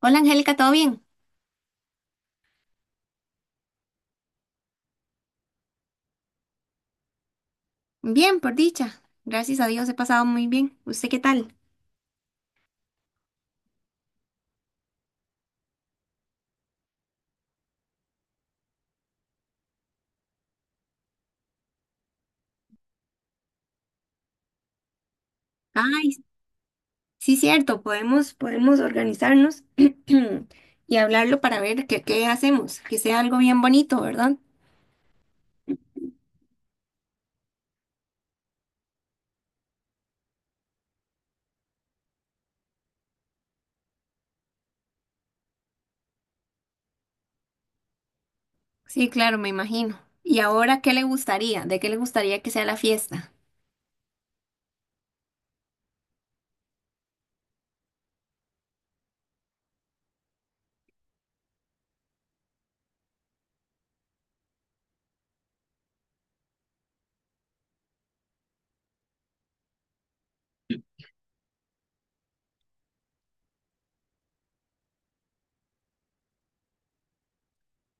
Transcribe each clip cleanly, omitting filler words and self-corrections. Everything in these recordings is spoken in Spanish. Hola Angélica, ¿todo bien? Bien, por dicha. Gracias a Dios he pasado muy bien. ¿Usted qué tal? Ay, sí, cierto, podemos organizarnos y hablarlo para ver qué hacemos, que sea algo bien bonito, ¿verdad? Sí, claro, me imagino. ¿Y ahora qué le gustaría? ¿De qué le gustaría que sea la fiesta?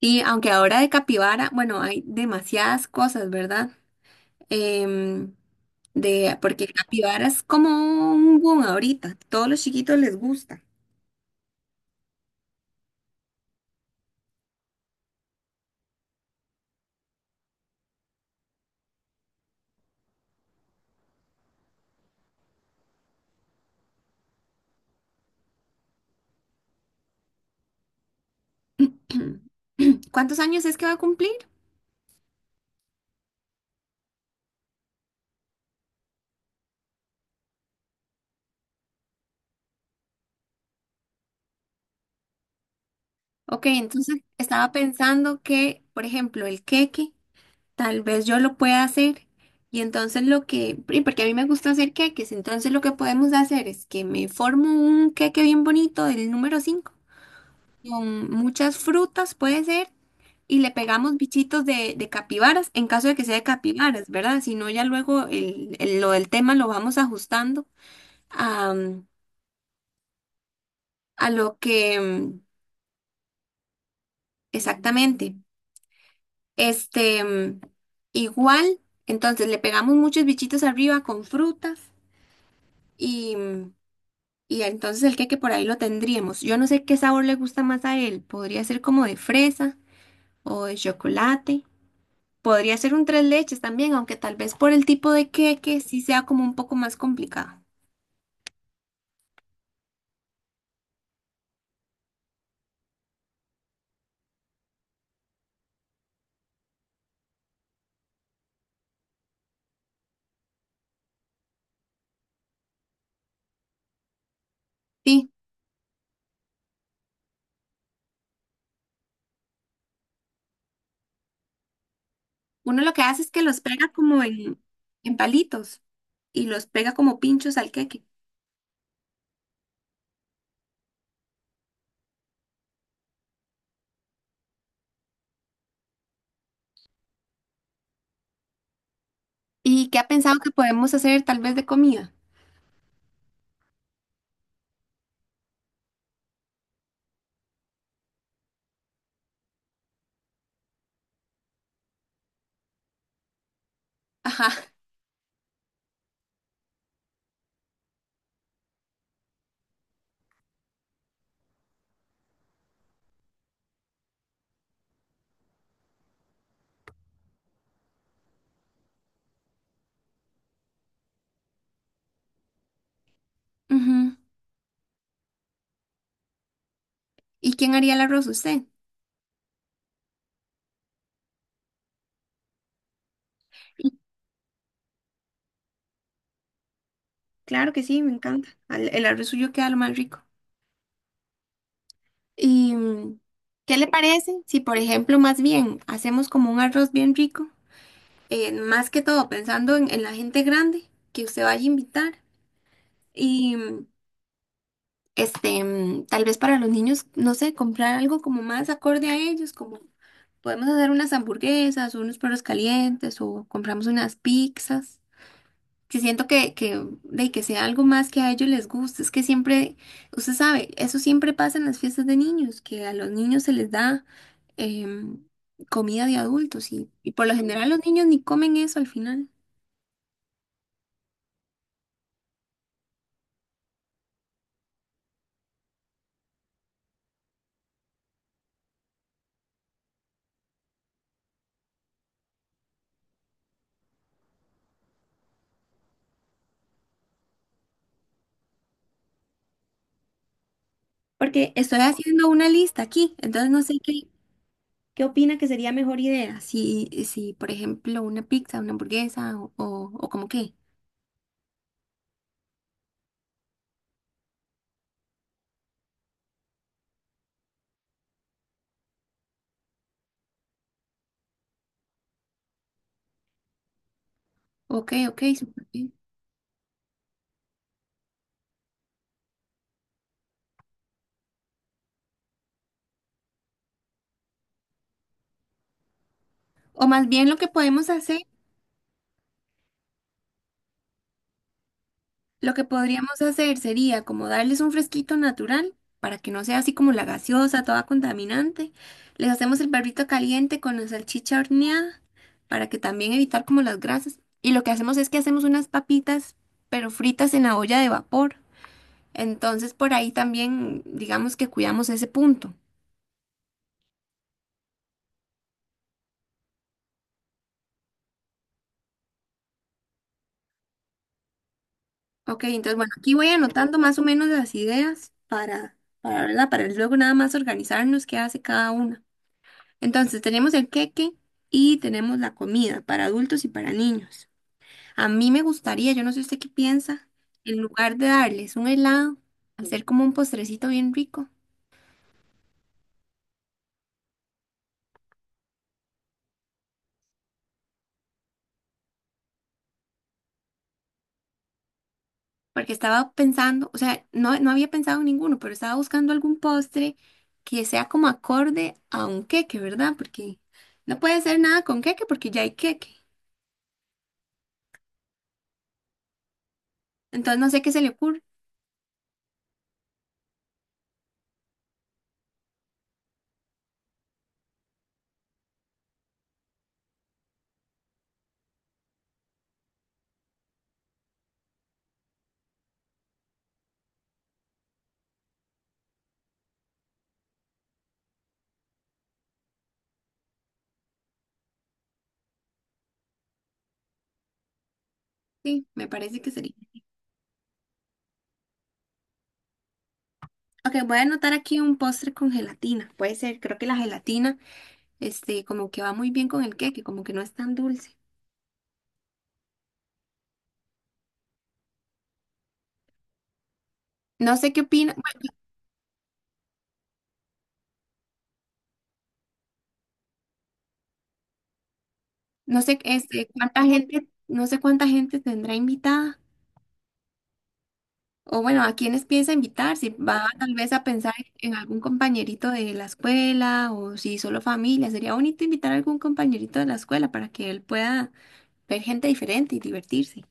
Sí, aunque ahora de capibara, bueno, hay demasiadas cosas, ¿verdad? Em, de, porque capibara es como un boom ahorita, todos los chiquitos les gusta. ¿Cuántos años es que va a cumplir? Ok, entonces estaba pensando que, por ejemplo, el queque, tal vez yo lo pueda hacer. Y entonces lo que, porque a mí me gusta hacer queques, entonces lo que podemos hacer es que me formo un queque bien bonito del número 5 con muchas frutas, puede ser, y le pegamos bichitos de capibaras, en caso de que sea de capibaras, ¿verdad? Si no, ya luego lo del tema lo vamos ajustando a, a lo que exactamente. Este, mm, igual, entonces le pegamos muchos bichitos arriba con frutas y, y entonces el queque por ahí lo tendríamos. Yo no sé qué sabor le gusta más a él. Podría ser como de fresa o de chocolate. Podría ser un tres leches también, aunque tal vez por el tipo de queque sí sea como un poco más complicado. Sí, uno lo que hace es que los pega como en palitos y los pega como pinchos al queque. ¿Y qué ha pensado que podemos hacer tal vez de comida? Ajá. Ujú. ¿Y quién haría el arroz? ¿Usted? Y claro que sí, me encanta. El arroz suyo queda lo más rico. ¿Y qué le parece si, por ejemplo, más bien hacemos como un arroz bien rico? Más que todo pensando en la gente grande que usted vaya a invitar. Y tal vez para los niños, no sé, comprar algo como más acorde a ellos, como podemos hacer unas hamburguesas, o unos perros calientes o compramos unas pizzas. Que siento de que sea algo más que a ellos les guste. Es que siempre, usted sabe, eso siempre pasa en las fiestas de niños, que a los niños se les da em, comida de adultos y por lo general los niños ni comen eso al final. Porque estoy haciendo una lista aquí, entonces no sé qué opina que sería mejor idea. Si, por ejemplo, una pizza, una hamburguesa o como qué. Ok, súper bien. O más bien lo que podemos hacer. Lo que podríamos hacer sería como darles un fresquito natural para que no sea así como la gaseosa, toda contaminante. Les hacemos el perrito caliente con la salchicha horneada para que también evitar como las grasas. Y lo que hacemos es que hacemos unas papitas, pero fritas en la olla de vapor. Entonces por ahí también digamos que cuidamos ese punto. Ok, entonces bueno, aquí voy anotando más o menos las ideas para, ¿verdad? Para luego nada más organizarnos qué hace cada una. Entonces tenemos el queque y tenemos la comida para adultos y para niños. A mí me gustaría, yo no sé usted qué piensa, en lugar de darles un helado, hacer como un postrecito bien rico, porque estaba pensando, o sea, no había pensado en ninguno, pero estaba buscando algún postre que sea como acorde a un queque, ¿verdad? Porque no puede ser nada con queque porque ya hay queque. Entonces no sé qué se le ocurre. Sí, me parece que sería. Ok, voy a anotar aquí un postre con gelatina. Puede ser, creo que la gelatina, este, como que va muy bien con el queque, como que no es tan dulce. No sé qué opina, bueno, no sé, este, cuánta gente, no sé cuánta gente tendrá invitada, o bueno, a quiénes piensa invitar, si va tal vez a pensar en algún compañerito de la escuela, o si solo familia, sería bonito invitar a algún compañerito de la escuela para que él pueda ver gente diferente y divertirse.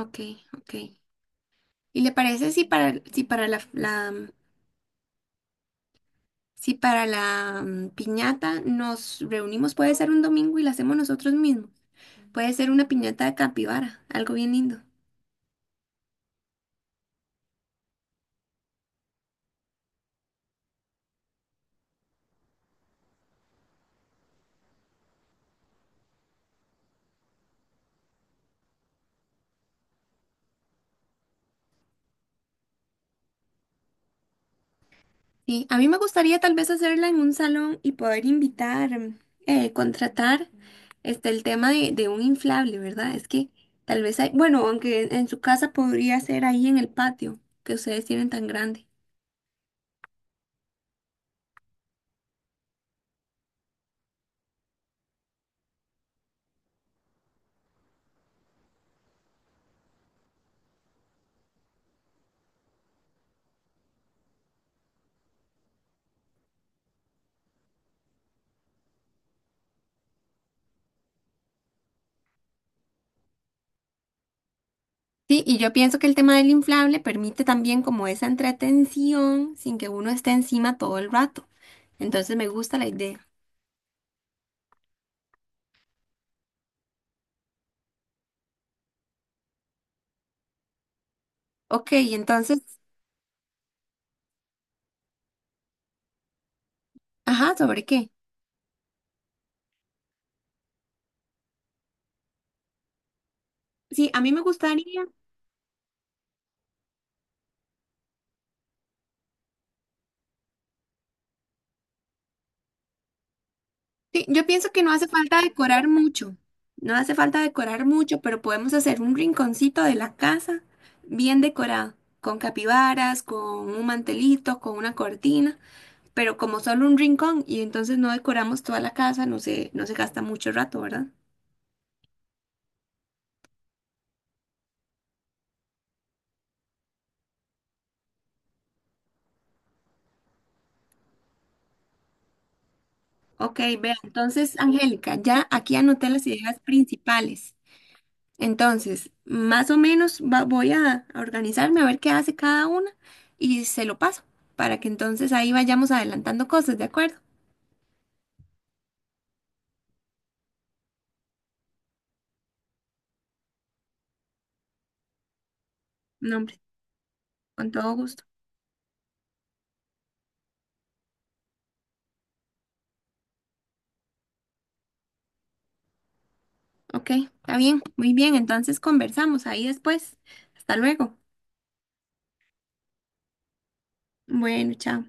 Ok, ok. ¿Y le parece si para la, la, mm, si para la piñata nos reunimos, puede ser un domingo y la hacemos nosotros mismos? Puede ser una piñata de capibara, algo bien lindo. Sí, a mí me gustaría tal vez hacerla en un salón y poder invitar, contratar este, el tema de un inflable, ¿verdad? Es que tal vez hay, bueno, aunque en su casa podría ser ahí en el patio que ustedes tienen tan grande. Sí, y yo pienso que el tema del inflable permite también como esa entretención sin que uno esté encima todo el rato. Entonces me gusta la idea. Ok, entonces, ajá, ¿sobre qué? Sí, a mí me gustaría. Sí, yo pienso que no hace falta decorar mucho, no hace falta decorar mucho, pero podemos hacer un rinconcito de la casa bien decorado, con capibaras, con un mantelito, con una cortina, pero como solo un rincón y entonces no decoramos toda la casa, no se gasta mucho rato, ¿verdad? Ok, vea, entonces, Angélica, ya aquí anoté las ideas principales. Entonces, más o menos voy a organizarme a ver qué hace cada una y se lo paso para que entonces ahí vayamos adelantando cosas, ¿de acuerdo? No, hombre, con todo gusto. Ok, está bien, muy bien, entonces conversamos ahí después. Hasta luego. Bueno, chao.